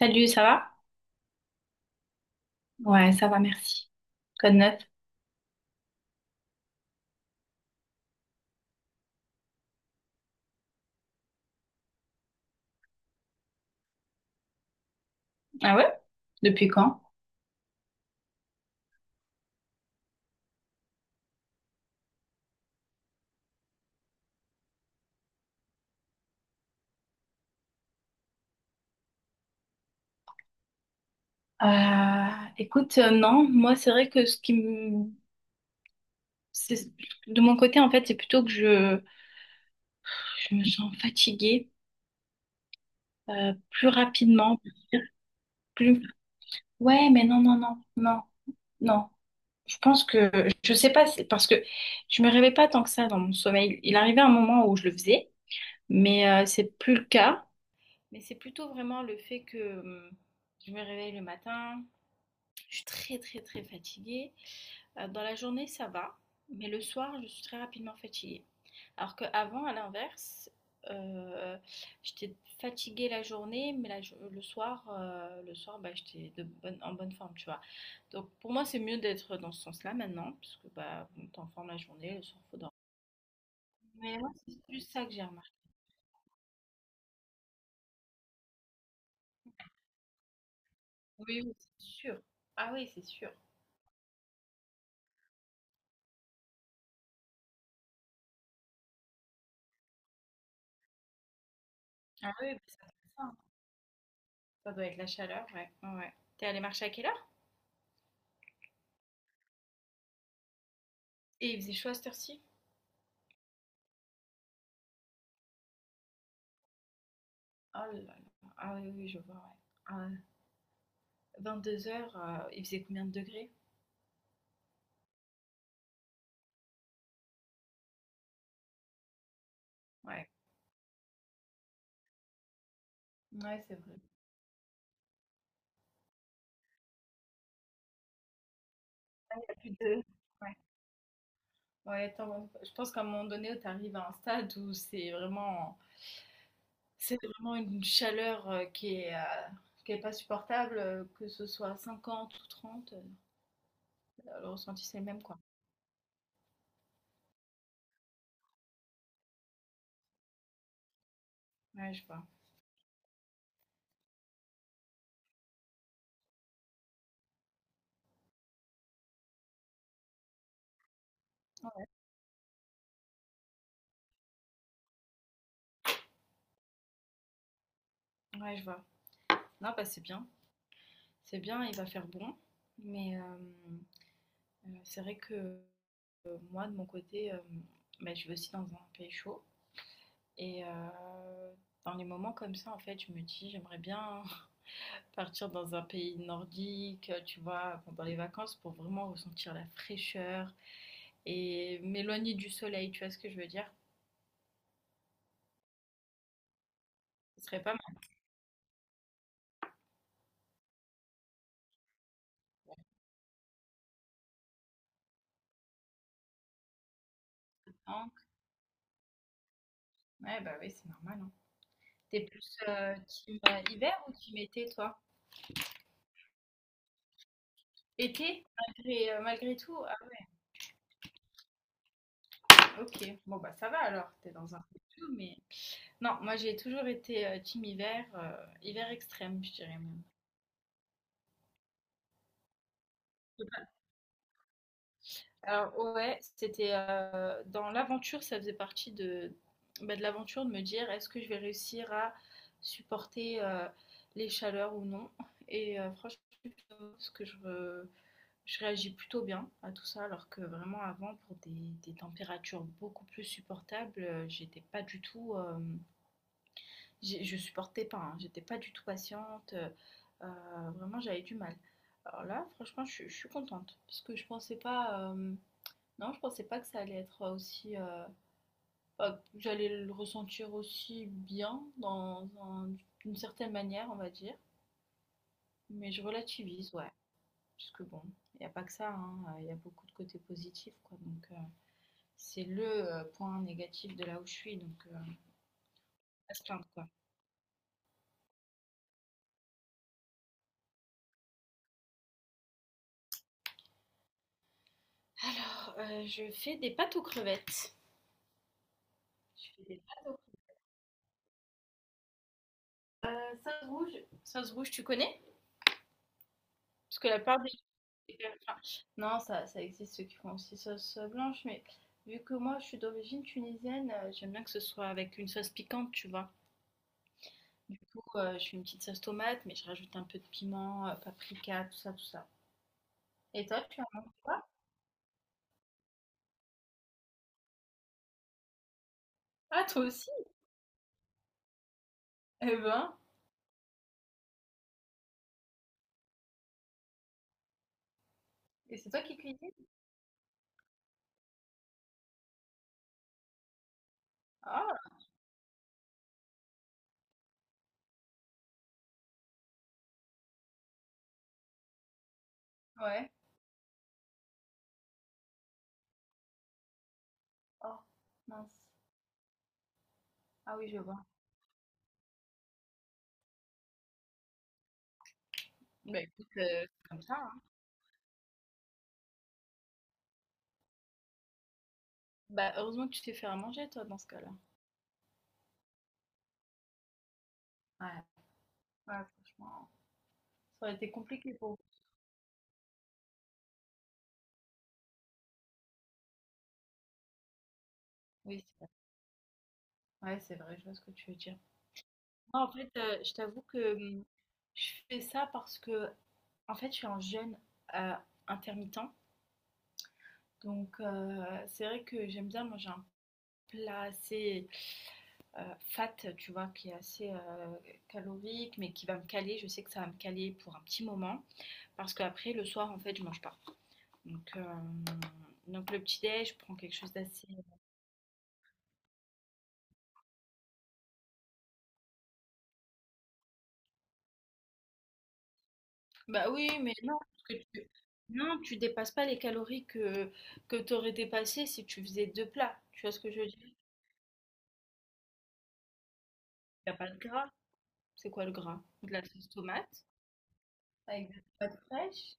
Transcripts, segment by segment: Salut, ça va? Ouais, ça va, merci. Code 9. Ah ouais? Depuis quand? Euh, écoute, non, moi c'est vrai que ce qui me... c'est- De mon côté, en fait, c'est plutôt que je me sens fatiguée plus rapidement. Plus... Ouais, mais non, non, non, non, non. Je pense que... Je sais pas, c'est parce que je me réveille pas tant que ça dans mon sommeil. Il arrivait un moment où je le faisais, mais c'est plus le cas. Mais c'est plutôt vraiment le fait que... Je me réveille le matin, je suis très très très fatiguée. Dans la journée, ça va, mais le soir, je suis très rapidement fatiguée. Alors qu'avant, à l'inverse, euh, j'étais fatiguée la journée, mais la le soir, bah, j'étais en bonne forme, tu vois. Donc pour moi, c'est mieux d'être dans ce sens-là maintenant, parce que bah, bon, t'es en forme la journée, le soir, faut dormir. Mais moi, c'est plus ça que j'ai remarqué. Oui, oui, c'est sûr. Ah oui, c'est sûr. Ah oui, bah, ça doit être ça, hein. Ça doit être la chaleur, ouais. Ouais, ouais. T'es allé marcher à quelle heure? Et il faisait chaud à cette heure-ci? Oh là là. Ah oui, oui, je vois, ouais. Ah 2 heures il faisait combien de degrés? Ouais. Ouais, c'est vrai. Il y a plus de... ouais. Ouais, attends, je pense qu'à un moment donné, tu arrives à un stade où c'est vraiment une chaleur, qui est pas supportable, que ce soit 50 ou 30, le ressenti, c'est le même, quoi. Ouais, je vois. Ouais, je vois. Non, bah, c'est bien. C'est bien, il va faire bon, mais c'est vrai que, moi, de mon côté, bah, je vis aussi dans un pays chaud. Et dans les moments comme ça, en fait, je me dis, j'aimerais bien partir dans un pays nordique, tu vois, pendant les vacances pour vraiment ressentir la fraîcheur et m'éloigner du soleil, tu vois ce que je veux dire? Ce serait pas mal, hein. Ouais, bah oui, c'est normal, hein. T'es plus team hiver ou team été, toi? Été, malgré tout? Ah, ouais, ok, bon, bah ça va alors, t'es dans un peu tout, mais... Non, moi j'ai toujours été team hiver, hiver extrême, je dirais. Alors ouais, c'était dans l'aventure, ça faisait bah, de l'aventure de me dire est-ce que je vais réussir à supporter les chaleurs ou non. Et franchement, parce que je réagis plutôt bien à tout ça, alors que vraiment avant, pour des températures beaucoup plus supportables, j'étais pas du tout, je supportais pas, hein, j'étais pas du tout patiente, vraiment j'avais du mal. Alors là, franchement, je suis contente, parce que je pensais pas, non, je pensais pas que ça allait être aussi. Bah, que j'allais le ressentir aussi bien, d'une certaine manière, on va dire. Mais je relativise, ouais. Parce que bon, il n'y a pas que ça, hein, il y a beaucoup de côtés positifs, quoi. Donc, c'est le point négatif de là où je suis, donc à se plaindre, quoi. Alors, je fais des pâtes aux crevettes. Je fais des pâtes aux crevettes. Euh, Sauce rouge, sauce rouge, tu connais? Parce que la part Enfin, non, ça existe ceux qui font aussi sauce blanche, mais vu que moi je suis d'origine tunisienne, j'aime bien que ce soit avec une sauce piquante, tu vois. Du coup, je fais une petite sauce tomate, mais je rajoute un peu de piment, paprika, tout ça, tout ça. Et toi, tu en manges quoi? Ah, toi aussi? Eh ben, et c'est toi qui cuisines? Ah, ouais. Oh, mince. Ah oui, je vois. Bah écoute, c'est comme ça, hein. Bah heureusement que tu sais faire à manger, toi, dans ce cas-là. Ouais, ouais, franchement, ça aurait été compliqué pour vous. Oui, c'est vrai. Ouais, c'est vrai, je vois ce que tu veux dire. Moi, en fait, je t'avoue que je fais ça parce que, en fait, je suis un jeûne euh, intermittent. Donc, c'est vrai que j'aime bien manger un plat assez fat, tu vois, qui est assez calorique, mais qui va me caler. Je sais que ça va me caler pour un petit moment. Parce qu'après, le soir, en fait, je mange pas. Donc, donc le petit-déj, je prends quelque chose d'assez... Bah oui, mais non, parce que tu... Non, tu dépasses pas les calories que tu aurais dépassé si tu faisais deux plats. Tu vois ce que je veux dire? Il n'y a pas de gras. C'est quoi le gras? De la sauce tomate avec des tomates fraîches.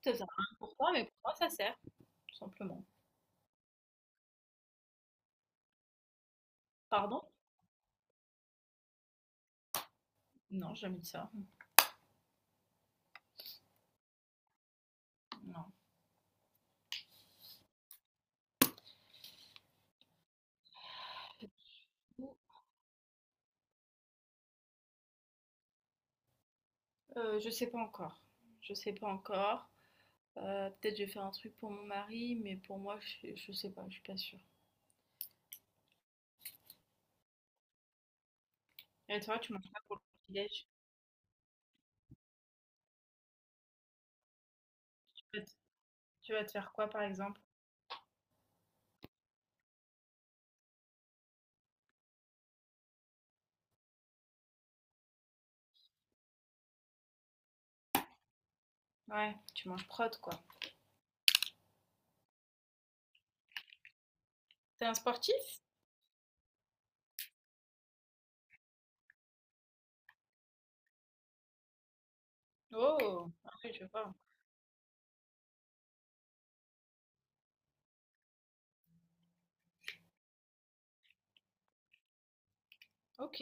Ça sert à rien pour toi, mais pour moi, ça sert, tout simplement. Pardon. Non, j'ai jamais dit ça. Non. Je sais pas encore. Je sais pas encore. Peut-être je vais faire un truc pour mon mari, mais pour moi, je sais pas, je suis pas sûre. Et toi, tu manges pas pour le petit-déj? tu, vas te- Tu vas te faire quoi, par exemple? Ouais, tu manges prod, quoi. T'es un sportif? Oh, ah oui, je vois. Ok,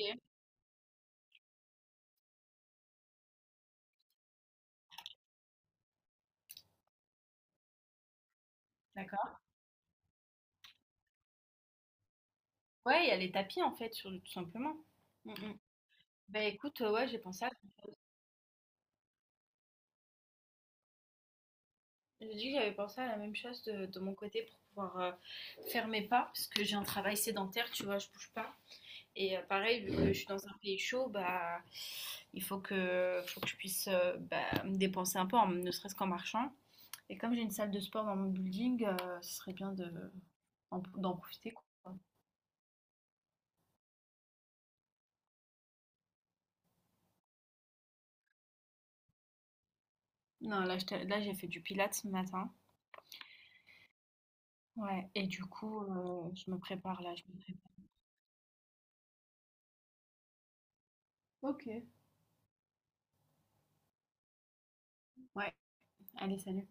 d'accord. Ouais, il y a les tapis, en fait, sur, tout simplement. Mm, mm. Bah écoute, ouais, j'ai pensé à... j'ai dit que j'avais pensé à la même chose de mon côté pour pouvoir, faire mes pas, parce que j'ai un travail sédentaire, tu vois, je bouge pas et pareil, vu que je, ouais, suis dans un pays chaud, bah, il faut que je puisse, bah, me dépenser un peu, en ne serait-ce qu'en marchant et comme j'ai une salle de sport dans mon building, ce serait bien de d'en profiter, quoi. Non, là, j'ai fait du pilates ce matin, ouais et du coup, je me prépare, là, je me prépare. OK. Ouais, allez, salut.